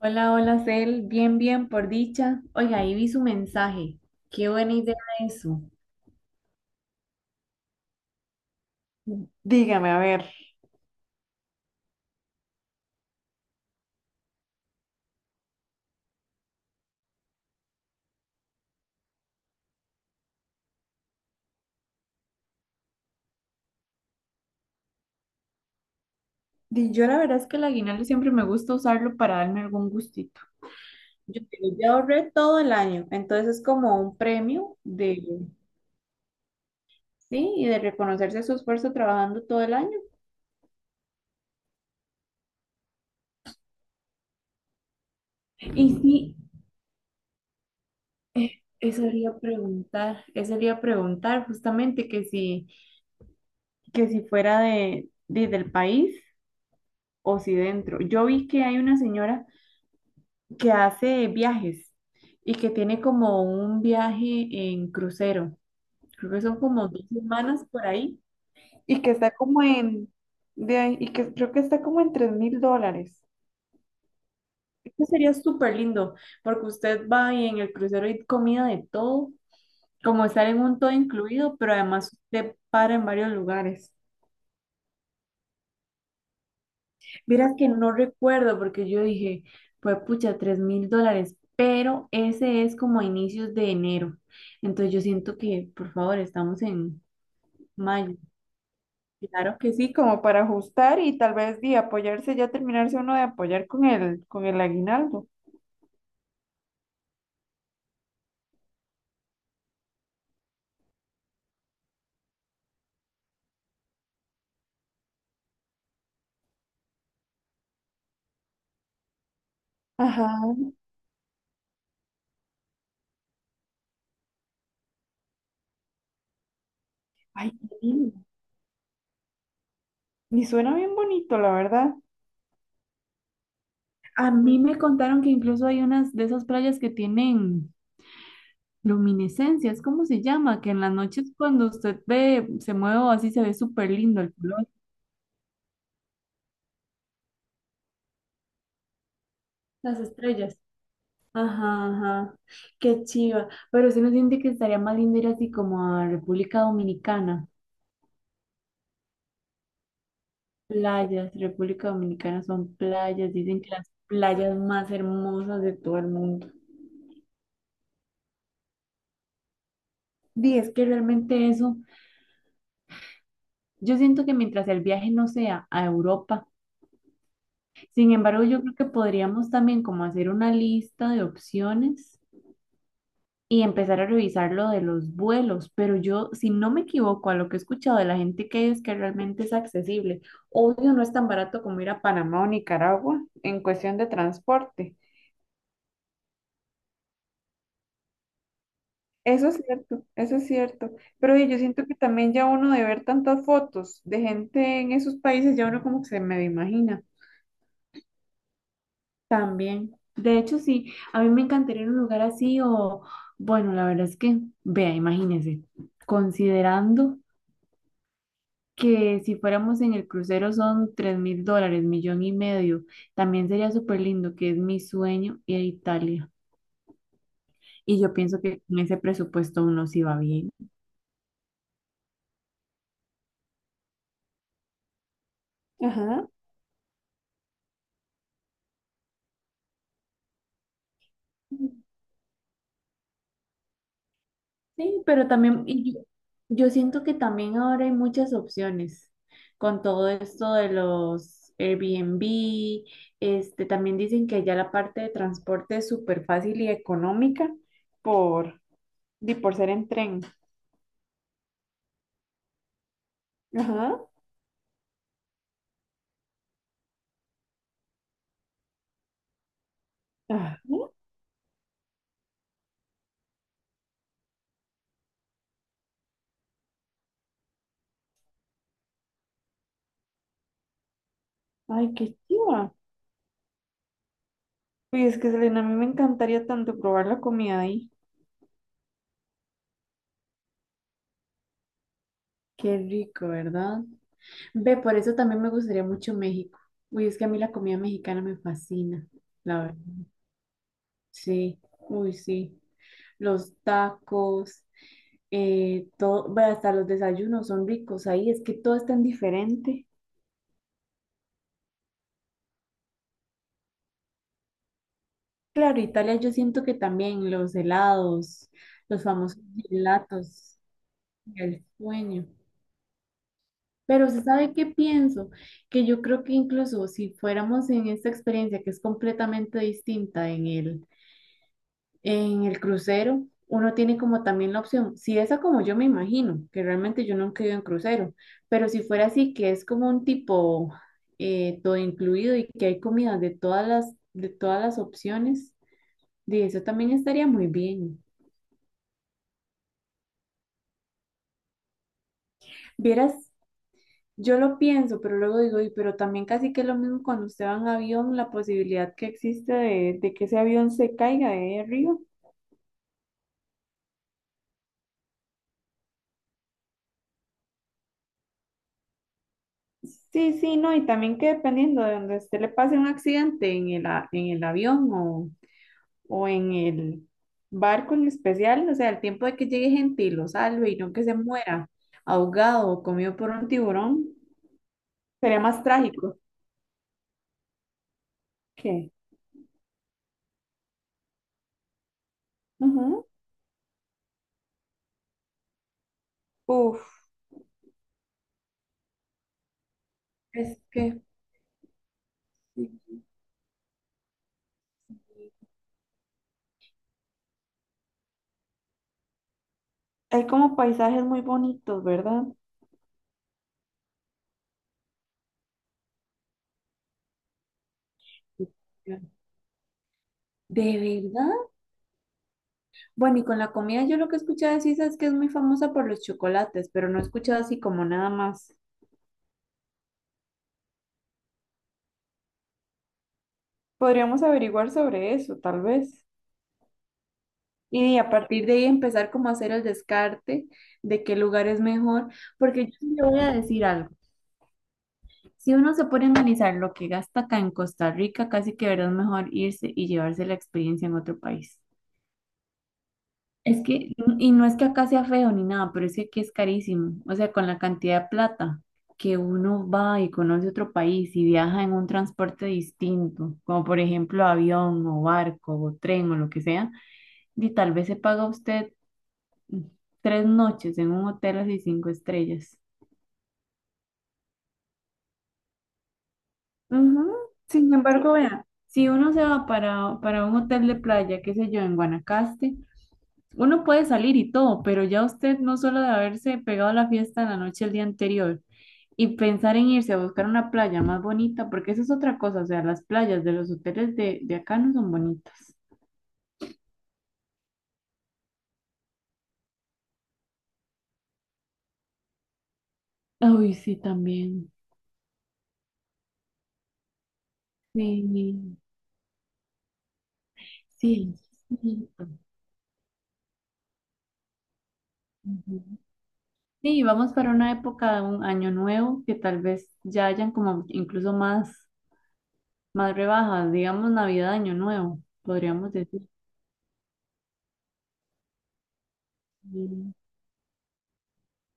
Hola, hola, Cel. Bien, bien, por dicha. Oiga, ahí vi su mensaje. Qué buena idea eso. Dígame, a ver. Di, yo la verdad es que el aguinaldo siempre me gusta usarlo para darme algún gustito. Yo te ya ahorré todo el año, entonces es como un premio de, sí, y de reconocerse su esfuerzo trabajando todo el año. Y sí, eso le iba a preguntar, justamente que si fuera del país o si dentro. Yo vi que hay una señora que hace viajes y que tiene como un viaje en crucero. Creo que son como 2 semanas por ahí. Y que está como en, y que creo que está como en $3000. Esto sería súper lindo porque usted va y en el crucero hay comida de todo, como estar en un todo incluido, pero además usted para en varios lugares. Vieras que no recuerdo porque yo dije, pues pucha, $3000, pero ese es como a inicios de enero. Entonces yo siento que, por favor, estamos en mayo. Claro que sí, como para ajustar y tal vez de apoyarse, ya terminarse uno de apoyar con el aguinaldo. Ajá. Ay, qué lindo. Y suena bien bonito, la verdad. A mí me contaron que incluso hay unas de esas playas que tienen luminiscencia, es como se llama, que en las noches cuando usted ve, se mueve o así, se ve súper lindo el color. Las estrellas. Ajá, ajá. Qué chiva. Pero sí no siente que estaría más lindo ir así como a República Dominicana. Playas, República Dominicana son playas, dicen que las playas más hermosas de todo el mundo. Sí, es que realmente eso, yo siento que mientras el viaje no sea a Europa, sin embargo, yo creo que podríamos también como hacer una lista de opciones y empezar a revisar lo de los vuelos, pero yo, si no me equivoco a lo que he escuchado de la gente que es que realmente es accesible, obvio no es tan barato como ir a Panamá o Nicaragua en cuestión de transporte. Eso es cierto, eso es cierto. Pero oye, yo siento que también ya uno de ver tantas fotos de gente en esos países, ya uno como que se me imagina. También. De hecho, sí, a mí me encantaría ir a un lugar así o, bueno, la verdad es que, vea, imagínese, considerando que si fuéramos en el crucero son $3000, 1.500.000. También sería súper lindo, que es mi sueño ir a Italia. Y yo pienso que con ese presupuesto uno sí va bien. Ajá. Sí, pero también yo siento que también ahora hay muchas opciones con todo esto de los Airbnb. Este, también dicen que ya la parte de transporte es súper fácil y económica por, por ser en tren. Ajá. Ah, ay, qué chiva. Uy, es que Selena, a mí me encantaría tanto probar la comida ahí. Qué rico, ¿verdad? Ve, por eso también me gustaría mucho México. Uy, es que a mí la comida mexicana me fascina, la verdad. Sí, uy, sí. Los tacos, todo, ve, hasta los desayunos son ricos ahí, es que todo es tan diferente. Claro, Italia yo siento que también los helados, los famosos gelatos, el sueño. Pero se sabe qué pienso, que yo creo que incluso si fuéramos en esta experiencia que es completamente distinta en el crucero, uno tiene como también la opción, si esa como yo me imagino, que realmente yo nunca he ido en crucero, pero si fuera así, que es como un tipo todo incluido y que hay comida de todas las opciones, de eso también estaría muy bien. Vieras, yo lo pienso, pero luego digo, "Y, pero también casi que es lo mismo cuando usted va en avión, la posibilidad que existe de que ese avión se caiga de ahí arriba." Sí, sí, no, y también que dependiendo de donde a usted le pase un accidente en en el avión o en el barco en especial, o sea, el tiempo de que llegue gente y lo salve y no que se muera ahogado o comido por un tiburón, sería más trágico. ¿Qué? Ujú. Uf, es que sí, hay como paisajes muy bonitos, ¿verdad? ¿De verdad? Bueno, y con la comida yo lo que he escuchado de Suiza es que es muy famosa por los chocolates, pero no he escuchado así como nada más. Podríamos averiguar sobre eso, tal vez. Y a partir de ahí empezar como a hacer el descarte de qué lugar es mejor, porque yo sí le voy a decir algo. Si uno se pone a analizar lo que gasta acá en Costa Rica, casi que verdad es mejor irse y llevarse la experiencia en otro país. Es que, y no es que acá sea feo ni nada, pero es que aquí es carísimo. O sea, con la cantidad de plata que uno va y conoce otro país y viaja en un transporte distinto, como por ejemplo avión o barco o tren o lo que sea, y tal vez se paga usted mm, 3 noches en un hotel así cinco estrellas. Ujú. Sin embargo, vea, si uno se va para un hotel de playa, qué sé yo, en Guanacaste, uno puede salir y todo, pero ya usted no solo de haberse pegado la fiesta en la noche el día anterior y pensar en irse a buscar una playa más bonita, porque eso es otra cosa, o sea, las playas de los hoteles de acá no son bonitas. Uy, sí, también. Sí, sí. Sí, ujú. Sí, vamos para una época de un año nuevo que tal vez ya hayan como incluso más, más rebajas, digamos Navidad, Año Nuevo, podríamos decir.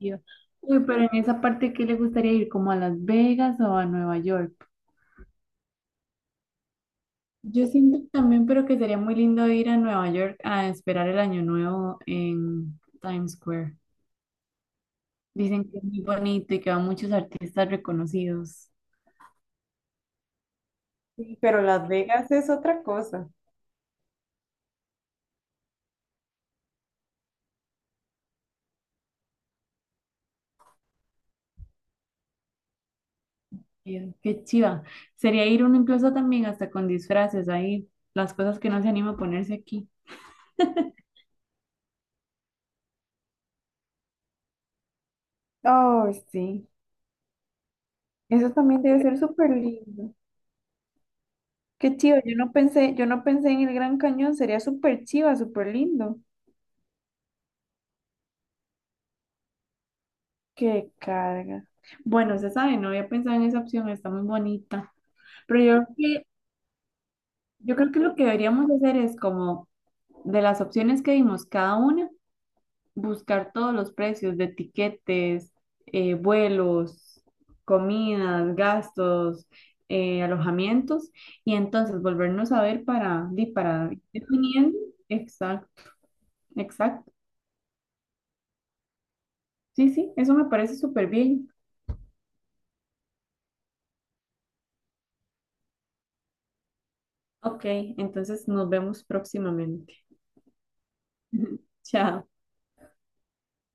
Yo, uy, pero en esa parte, ¿qué le gustaría ir? ¿Como a Las Vegas o a Nueva York? Yo siento también, pero que sería muy lindo ir a Nueva York a esperar el año nuevo en Times Square. Dicen que es muy bonito y que van muchos artistas reconocidos. Sí, pero Las Vegas es otra cosa. Qué chiva. Sería ir uno incluso también hasta con disfraces ahí, las cosas que no se anima a ponerse aquí. Oh, sí. Eso también debe ser súper lindo. Qué chido, yo no pensé en el Gran Cañón, sería súper chiva, súper lindo. Qué carga. Bueno, se sabe, no había pensado en esa opción, está muy bonita. Pero yo creo que lo que deberíamos hacer es como de las opciones que vimos cada una, buscar todos los precios de tiquetes, vuelos, comidas, gastos, alojamientos, y entonces volvernos a ver para, para ir definiendo. Exacto, exacto. Sí, sí, eso me parece súper bien. Ok, entonces nos vemos próximamente. Chao.